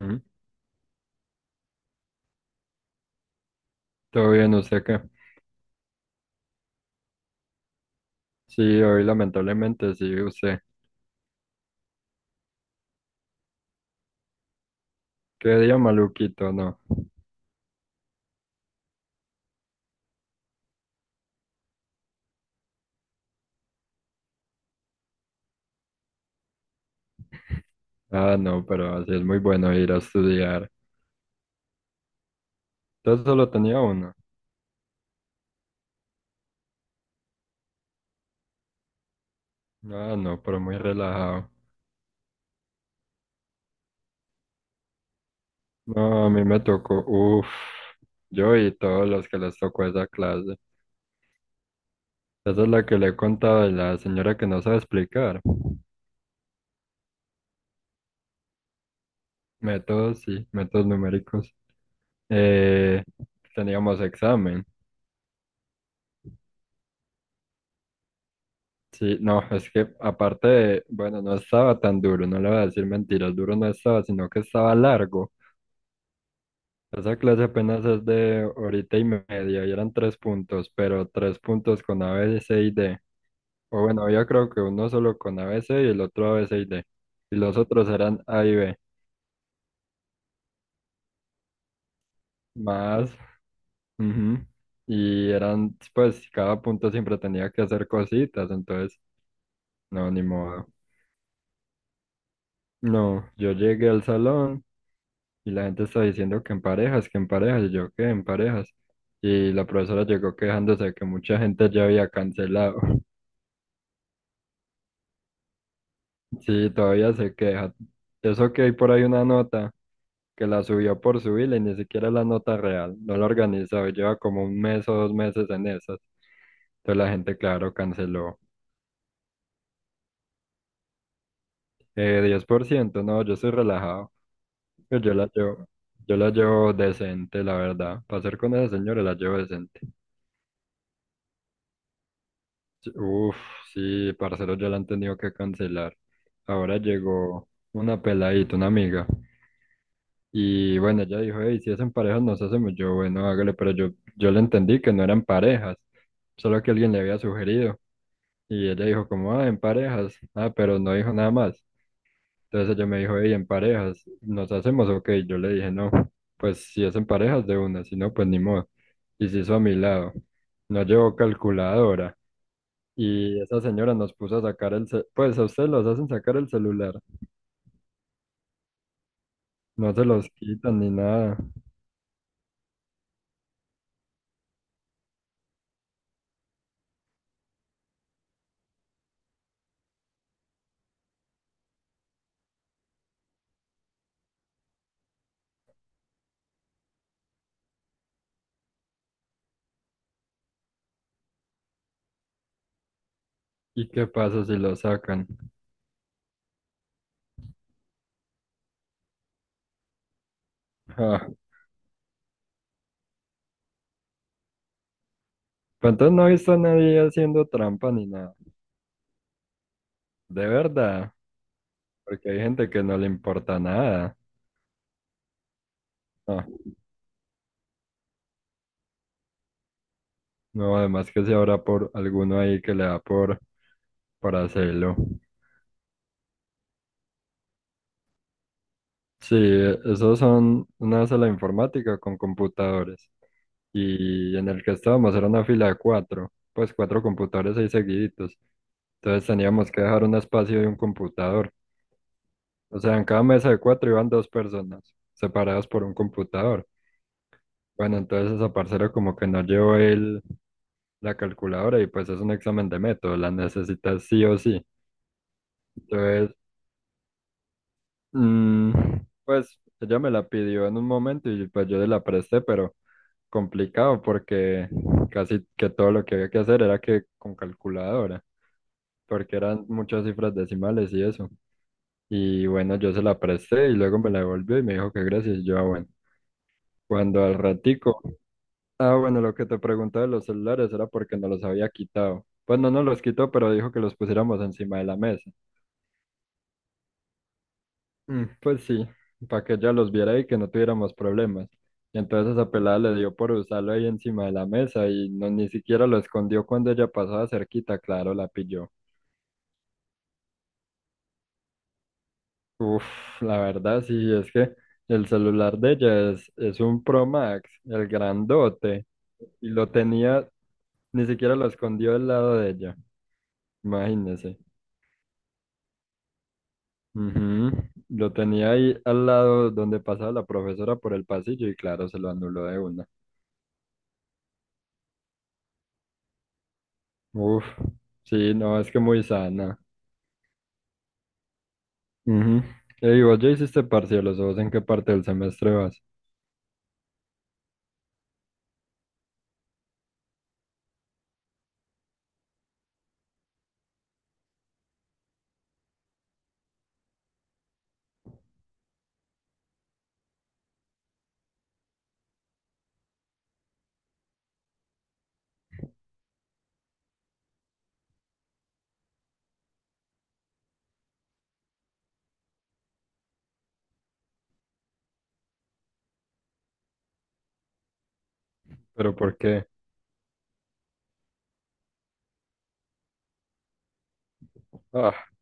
Ujú. Todo bien, ¿usted qué? Sí, hoy lamentablemente sí, usted. Qué día maluquito, ¿no? Ah, no, pero así es muy bueno ir a estudiar. Entonces solo tenía uno. Ah, no, pero muy relajado. No, a mí me tocó, uff, yo y todos los que les tocó esa clase. Esa es la que le he contado de la señora que no sabe explicar. Métodos, sí, métodos numéricos. Eh, Teníamos examen. Sí, no, es que aparte de, bueno, no estaba tan duro, no le voy a decir mentiras, duro no estaba, sino que estaba largo. Esa clase apenas es de horita y media y eran tres puntos, pero tres puntos con a b c y D. O bueno, yo creo que uno solo con a b c y el otro a b c y D. Y los otros eran A y B, más. Ujú. Y eran, pues, cada punto siempre tenía que hacer cositas, entonces, no, ni modo. No, yo llegué al salón. Y la gente está diciendo que en parejas, y yo que en parejas. Y la profesora llegó quejándose de que mucha gente ya había cancelado. Sí, todavía se queja. Eso que hay por ahí una nota que la subió por subirla y ni siquiera es la nota real. No la organizó, y lleva como un mes o dos meses en esas. Entonces la gente, claro, canceló. 10%, no, yo soy relajado. Yo la llevo, yo la llevo decente, la verdad. Para ser con esa señora la llevo decente. Uf, sí, parceros ya la han tenido que cancelar. Ahora llegó una peladita, una amiga. Y bueno, ella dijo, hey, si es en parejas nos hacemos. Yo, bueno, hágale, pero yo le entendí que no eran parejas, solo que alguien le había sugerido. Y ella dijo, como, ah, en parejas. Ah, pero no dijo nada más. Entonces ella me dijo, hey, en parejas, ¿nos hacemos? Ok, yo le dije, no, pues si es en parejas de una, si no, pues ni modo. Y se hizo a mi lado. No llevó calculadora. Y esa señora nos puso a sacar el pues a ustedes los hacen sacar el celular, no se los quitan ni nada. ¿Y qué pasa si lo sacan? Ah, pues entonces no he visto a nadie haciendo trampa ni nada, de verdad, porque hay gente que no le importa nada. Ah, no, además que si habrá por alguno ahí que le da por hacerlo. Sí, esos son una sala informática con computadores. Y en el que estábamos era una fila de cuatro, pues cuatro computadores ahí seguiditos. Entonces teníamos que dejar un espacio y un computador. O sea, en cada mesa de cuatro iban dos personas, separadas por un computador. Bueno, entonces esa parcera como que no llevó la calculadora y pues es un examen de método, la necesitas sí o sí. Entonces, mm, pues ella me la pidió en un momento y pues yo le la presté, pero complicado porque casi que todo lo que había que hacer era que con calculadora, porque eran muchas cifras decimales y eso. Y bueno, yo se la presté y luego me la devolvió y me dijo que gracias. Y yo, ah, bueno, cuando al ratico, ah, bueno, lo que te preguntaba de los celulares era porque no los había quitado. Pues no nos los quitó, pero dijo que los pusiéramos encima de la mesa. Mm, pues sí, para que ella los viera y que no tuviéramos problemas. Y entonces esa pelada le dio por usarlo ahí encima de la mesa y no ni siquiera lo escondió cuando ella pasaba cerquita, claro, la pilló. Uf, la verdad sí, es que el celular de ella es un Pro Max, el grandote. Y lo tenía, ni siquiera lo escondió al lado de ella, imagínese. Ujú. Lo tenía ahí al lado donde pasaba la profesora por el pasillo y claro, se lo anuló de una. Uf, sí, no, es que muy sana. Ujú. Ey, vos ya hiciste parciales, ¿o vos en qué parte del semestre vas? ¿Pero por qué? Ah,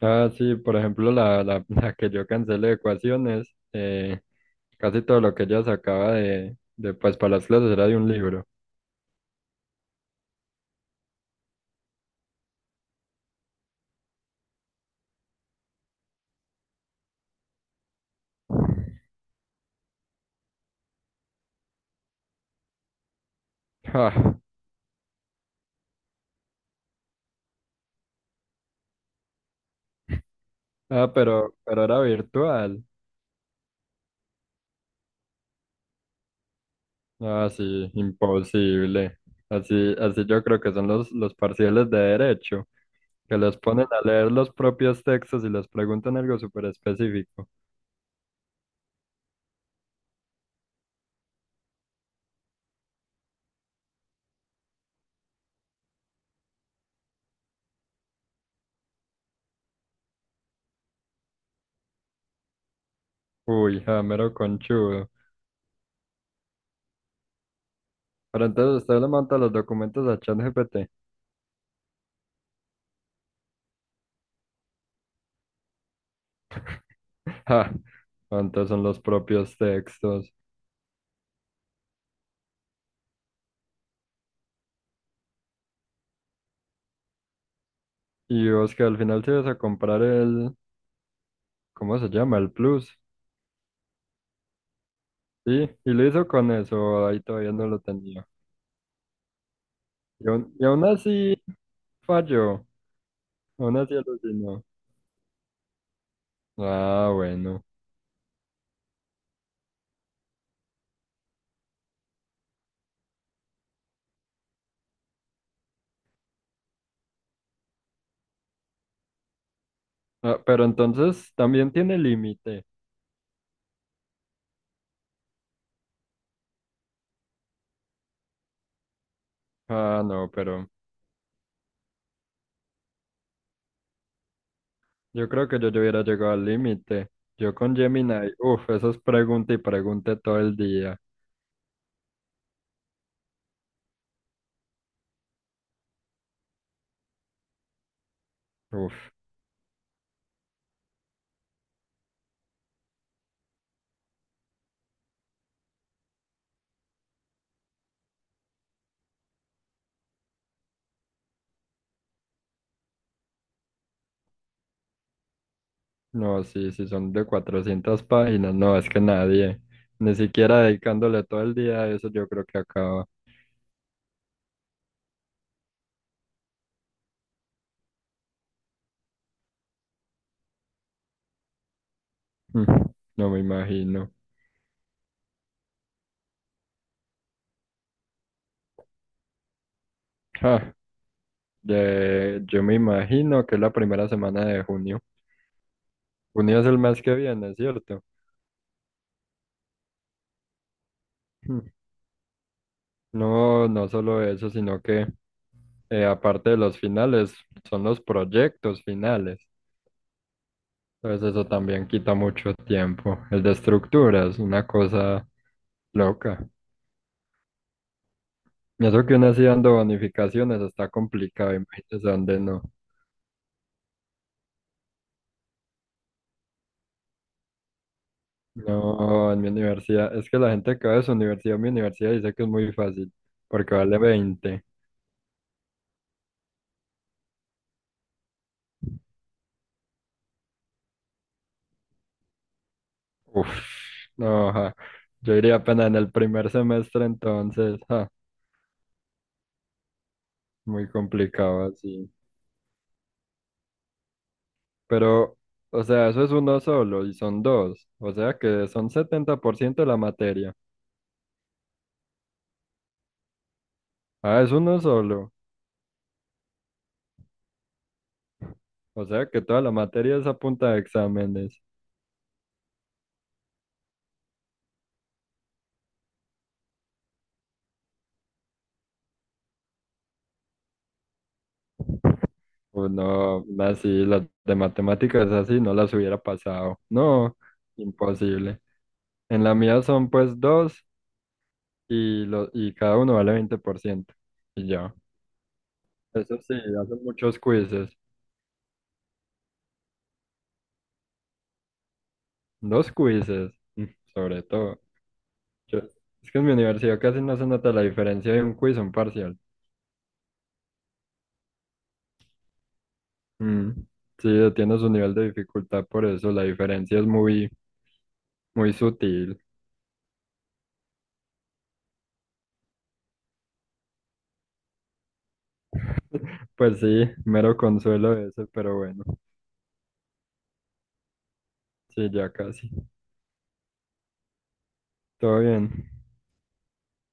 ah, sí, por ejemplo, la que yo cancelé de ecuaciones, casi todo lo que ella sacaba pues, para las clases era de un libro. Ah, ah, pero era virtual. Ah, sí, imposible. Así, así yo creo que son los parciales de derecho, que los ponen a leer los propios textos y les preguntan algo súper específico. Uy, ja, mero conchudo. Pero entonces usted le monta los documentos a ChatGPT. Ja, antes son los propios textos. Y vos que al final sí vas a comprar el, ¿cómo se llama? El Plus. Sí, y lo hizo con eso, ahí todavía no lo tenía. Y aún así falló, aún así alucinó. Ah, bueno. Ah, pero entonces también tiene límite. Ah, no, pero yo creo que yo ya hubiera llegado al límite. Yo con Gemini, uff, eso es pregunta y pregunta todo el día. Uff, no, sí, sí son de 400 páginas, no, es que nadie, ni siquiera dedicándole todo el día a eso, yo creo que acaba. Mm, no me imagino. Ah, yo me imagino que es la primera semana de junio. Junio es el mes que viene, ¿cierto? Mm. No, no solo eso, sino que, aparte de los finales, son los proyectos finales. Entonces eso también quita mucho tiempo. El de estructuras, una cosa loca. Y eso que uno así dando bonificaciones está complicado, imagínese dónde no. No, en mi universidad, es que la gente que va de su universidad a mi universidad dice que es muy fácil, porque vale 20. Uf, no, ja. Yo iría apenas en el primer semestre entonces, ja, muy complicado así. Pero, o sea, eso es uno solo y son dos. O sea que son 70% de la materia. Ah, es uno solo. O sea que toda la materia es a punta de exámenes. Pues no, así, las de matemáticas así no las hubiera pasado. No, imposible. En la mía son pues dos y cada uno vale 20%. Y ya. Eso sí, hacen muchos quizzes. Dos quizzes, sobre todo. Yo- es que en mi universidad casi no se nota la diferencia de un quiz a un parcial. Mm, sí, tiene su nivel de dificultad, por eso la diferencia es muy, muy sutil. Pues sí, mero consuelo ese, pero bueno, sí, ya casi. Todo bien.